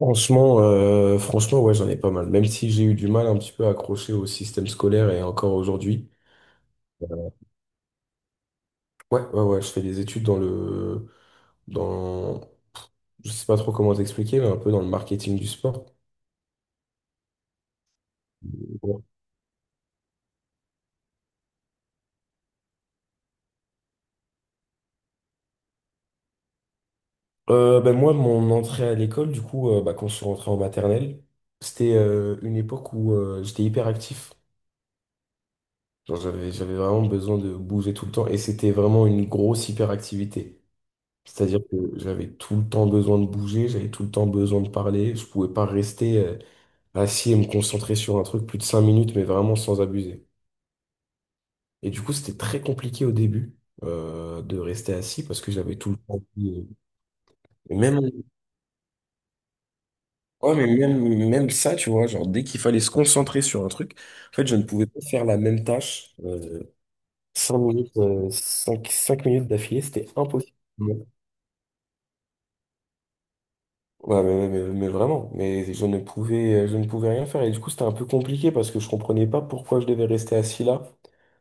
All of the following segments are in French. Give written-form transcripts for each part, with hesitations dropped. Franchement, ouais, j'en ai pas mal. Même si j'ai eu du mal un petit peu à accrocher au système scolaire et encore aujourd'hui. euh, Ouais, ouais, ouais, je fais des études dans, je sais pas trop comment t'expliquer, mais un peu dans le marketing du sport. Ouais. Ben moi, mon entrée à l'école, du coup, bah, quand je suis rentré en maternelle, c'était une époque où j'étais hyper actif. Genre, j'avais vraiment besoin de bouger tout le temps, et c'était vraiment une grosse hyperactivité. C'est-à-dire que j'avais tout le temps besoin de bouger, j'avais tout le temps besoin de parler. Je pouvais pas rester assis et me concentrer sur un truc plus de 5 minutes, mais vraiment sans abuser. Et du coup, c'était très compliqué au début de rester assis parce que j'avais tout le temps. Et Même, ouais, mais même ça, tu vois, genre dès qu'il fallait se concentrer sur un truc, en fait, je ne pouvais pas faire la même tâche 5 minutes d'affilée, c'était impossible. Ouais, mais, mais vraiment, mais je ne pouvais rien faire. Et du coup, c'était un peu compliqué parce que je comprenais pas pourquoi je devais rester assis là,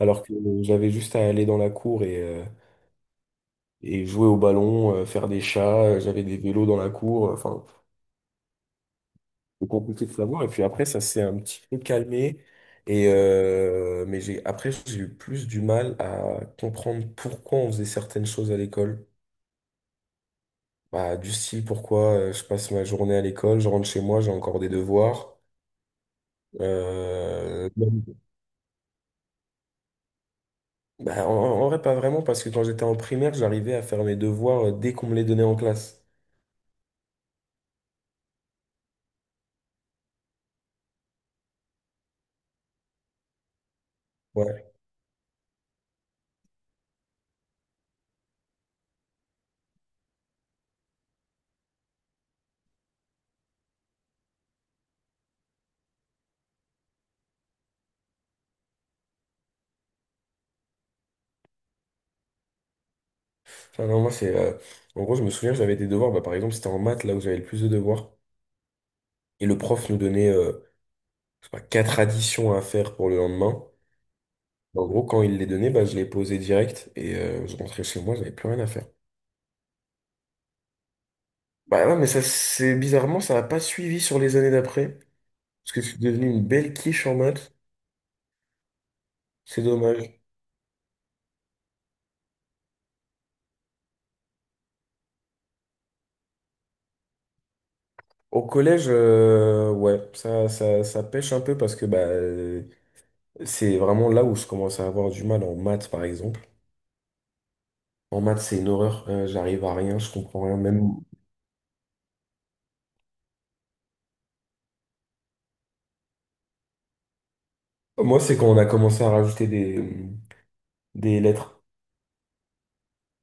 alors que j'avais juste à aller dans la cour et jouer au ballon, faire des chats, j'avais des vélos dans la cour, enfin, c'était compliqué de savoir. Et puis après, ça s'est un petit peu calmé. Mais j'ai eu plus du mal à comprendre pourquoi on faisait certaines choses à l'école. Bah, du style, pourquoi je passe ma journée à l'école, je rentre chez moi, j'ai encore des devoirs. Euh, en vrai, pas vraiment, parce que quand j'étais en primaire, j'arrivais à faire mes devoirs dès qu'on me les donnait en classe. Ouais. Enfin, non, moi, en gros, je me souviens, j'avais des devoirs. Bah, par exemple, c'était en maths, là où j'avais le plus de devoirs. Et le prof nous donnait, je sais pas, quatre additions à faire pour le lendemain. En gros, quand il les donnait, bah, je les posais direct et je rentrais chez moi, j'avais plus rien à faire. Bah non, mais ça, c'est bizarrement, ça n'a pas suivi sur les années d'après. Parce que je suis devenu une belle quiche en maths. C'est dommage. Au collège, ouais, ça pêche un peu parce que c'est vraiment là où je commence à avoir du mal en maths, par exemple. En maths, c'est une horreur, j'arrive à rien, je comprends rien. Même moi, c'est quand on a commencé à rajouter des lettres.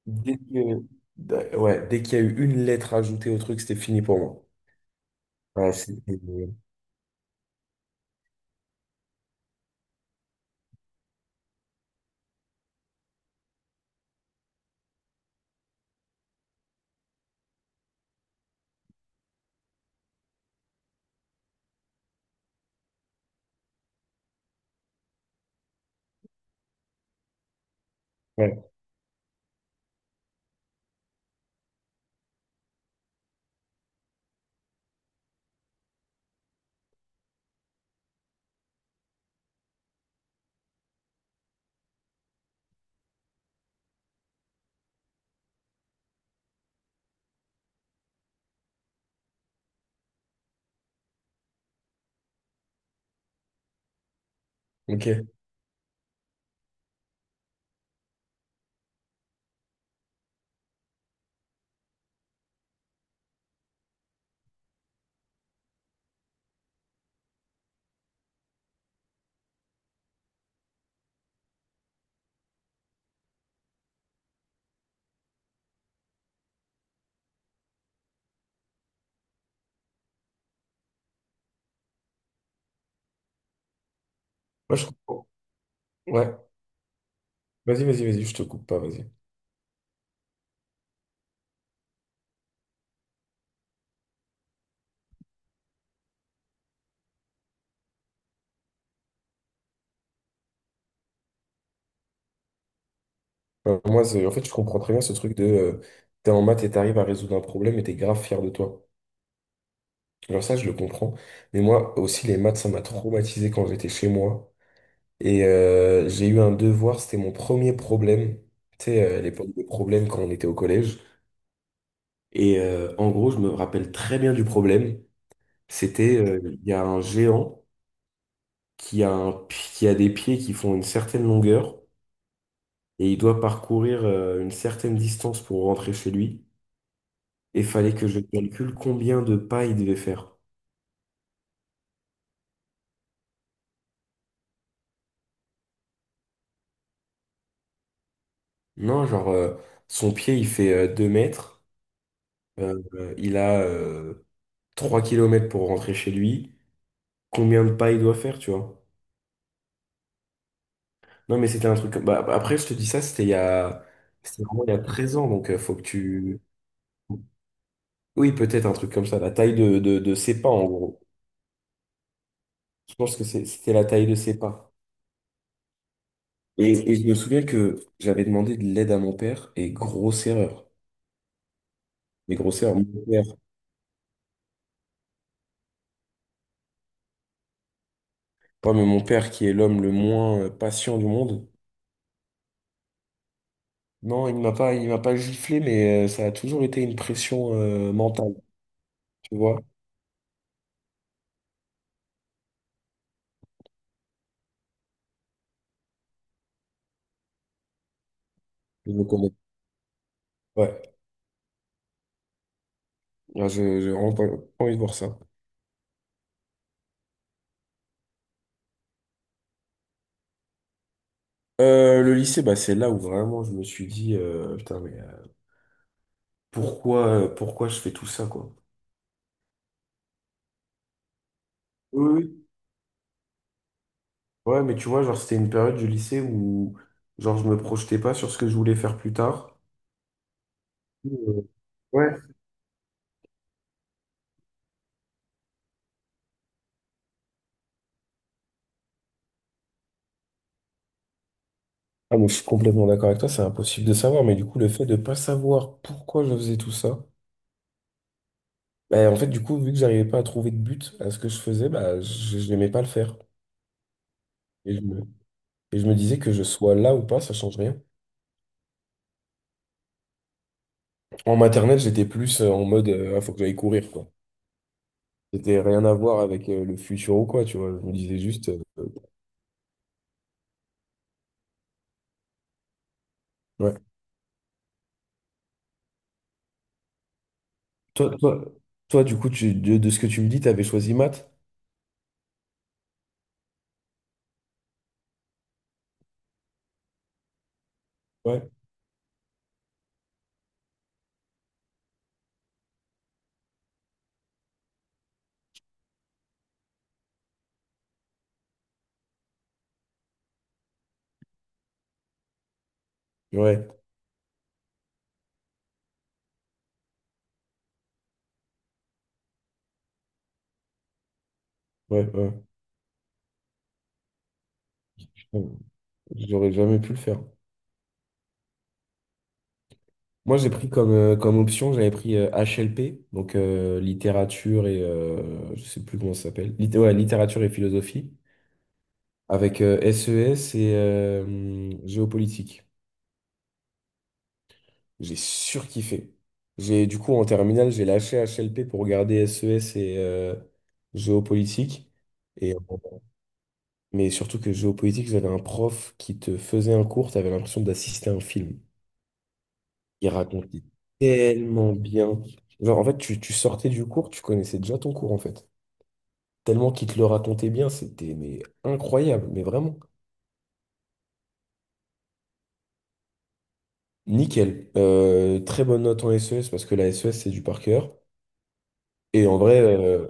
Dès que- ouais, dès qu'il y a eu une lettre ajoutée au truc, c'était fini pour moi. Ouais, c'était- ouais, ok. Moi, je comprends. Ouais, vas-y, vas-y, vas-y, je te coupe pas, vas-y. Moi, en fait, je comprends très bien ce truc de t'es en maths et t'arrives à résoudre un problème, et t'es grave fier de toi. Genre ça, je le comprends. Mais moi aussi, les maths, ça m'a traumatisé quand j'étais chez moi. J'ai eu un devoir, c'était mon premier problème. Tu sais, l'époque des problèmes quand on était au collège. En gros, je me rappelle très bien du problème. C'était, il y a un géant qui a des pieds qui font une certaine longueur et il doit parcourir une certaine distance pour rentrer chez lui. Et fallait que je calcule combien de pas il devait faire. Non, genre, son pied, il fait 2 mètres. Il a 3 km pour rentrer chez lui. Combien de pas il doit faire, tu vois? Non, mais c'était un truc. Après, je te dis ça, c'était il y a... c'était vraiment il y a 13 ans, donc faut que tu. Oui, peut-être un truc comme ça, la taille de ses pas, en gros. Je pense que c'était la taille de ses pas. Et je me souviens que j'avais demandé de l'aide à mon père, et grosse erreur. Mais grosse erreur, mon père, pas mais mon père qui est l'homme le moins patient du monde. Non, il m'a pas giflé, mais ça a toujours été une pression mentale. Tu vois, je me connais. Ouais, là, j'ai vraiment pas envie de voir ça. Le lycée, bah, c'est là où vraiment je me suis dit, putain, mais pourquoi je fais tout ça, quoi? Oui, oui. Ouais, mais tu vois, genre, c'était une période du lycée où, genre, je me projetais pas sur ce que je voulais faire plus tard. Euh, Ouais. Ah, mais je suis complètement d'accord avec toi, c'est impossible de savoir, mais du coup, le fait de pas savoir pourquoi je faisais tout ça, bah, en fait, du coup, vu que j'arrivais pas à trouver de but à ce que je faisais, bah, je n'aimais pas le faire. Et je me, et je me disais que je sois là ou pas, ça change rien. En maternelle, j'étais plus en mode ah, faut que j'aille courir quoi. C'était rien à voir avec le futur ou quoi, tu vois. Je me disais juste ouais. Toi, toi, toi, du coup, de ce que tu me dis, t'avais choisi maths? Ouais, ouais, ouais, ouais. Putain, j'aurais jamais pu le faire. Moi, j'ai pris comme option, j'avais pris HLP, donc littérature et je sais plus comment ça s'appelle. Ouais, littérature et philosophie, avec SES et géopolitique. J'ai surkiffé. Du coup, en terminale, j'ai lâché HLP pour regarder SES et géopolitique. Et, euh, mais surtout que géopolitique, j'avais un prof qui te faisait un cours, t'avais l'impression d'assister à un film. Il racontait tellement bien. Genre, en fait, tu sortais du cours, tu connaissais déjà ton cours, en fait. Tellement qu'il te le racontait bien, c'était mais incroyable, mais vraiment. Nickel. Très bonne note en SES parce que la SES, c'est du par cœur. Et en vrai, euh,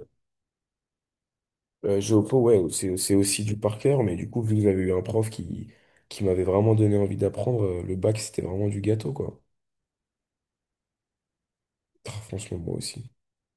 Géopo, ouais, c'est aussi du par cœur, mais du coup, vu que j'avais eu un prof qui m'avait vraiment donné envie d'apprendre, le bac, c'était vraiment du gâteau, quoi. Ah, franchement, moi aussi.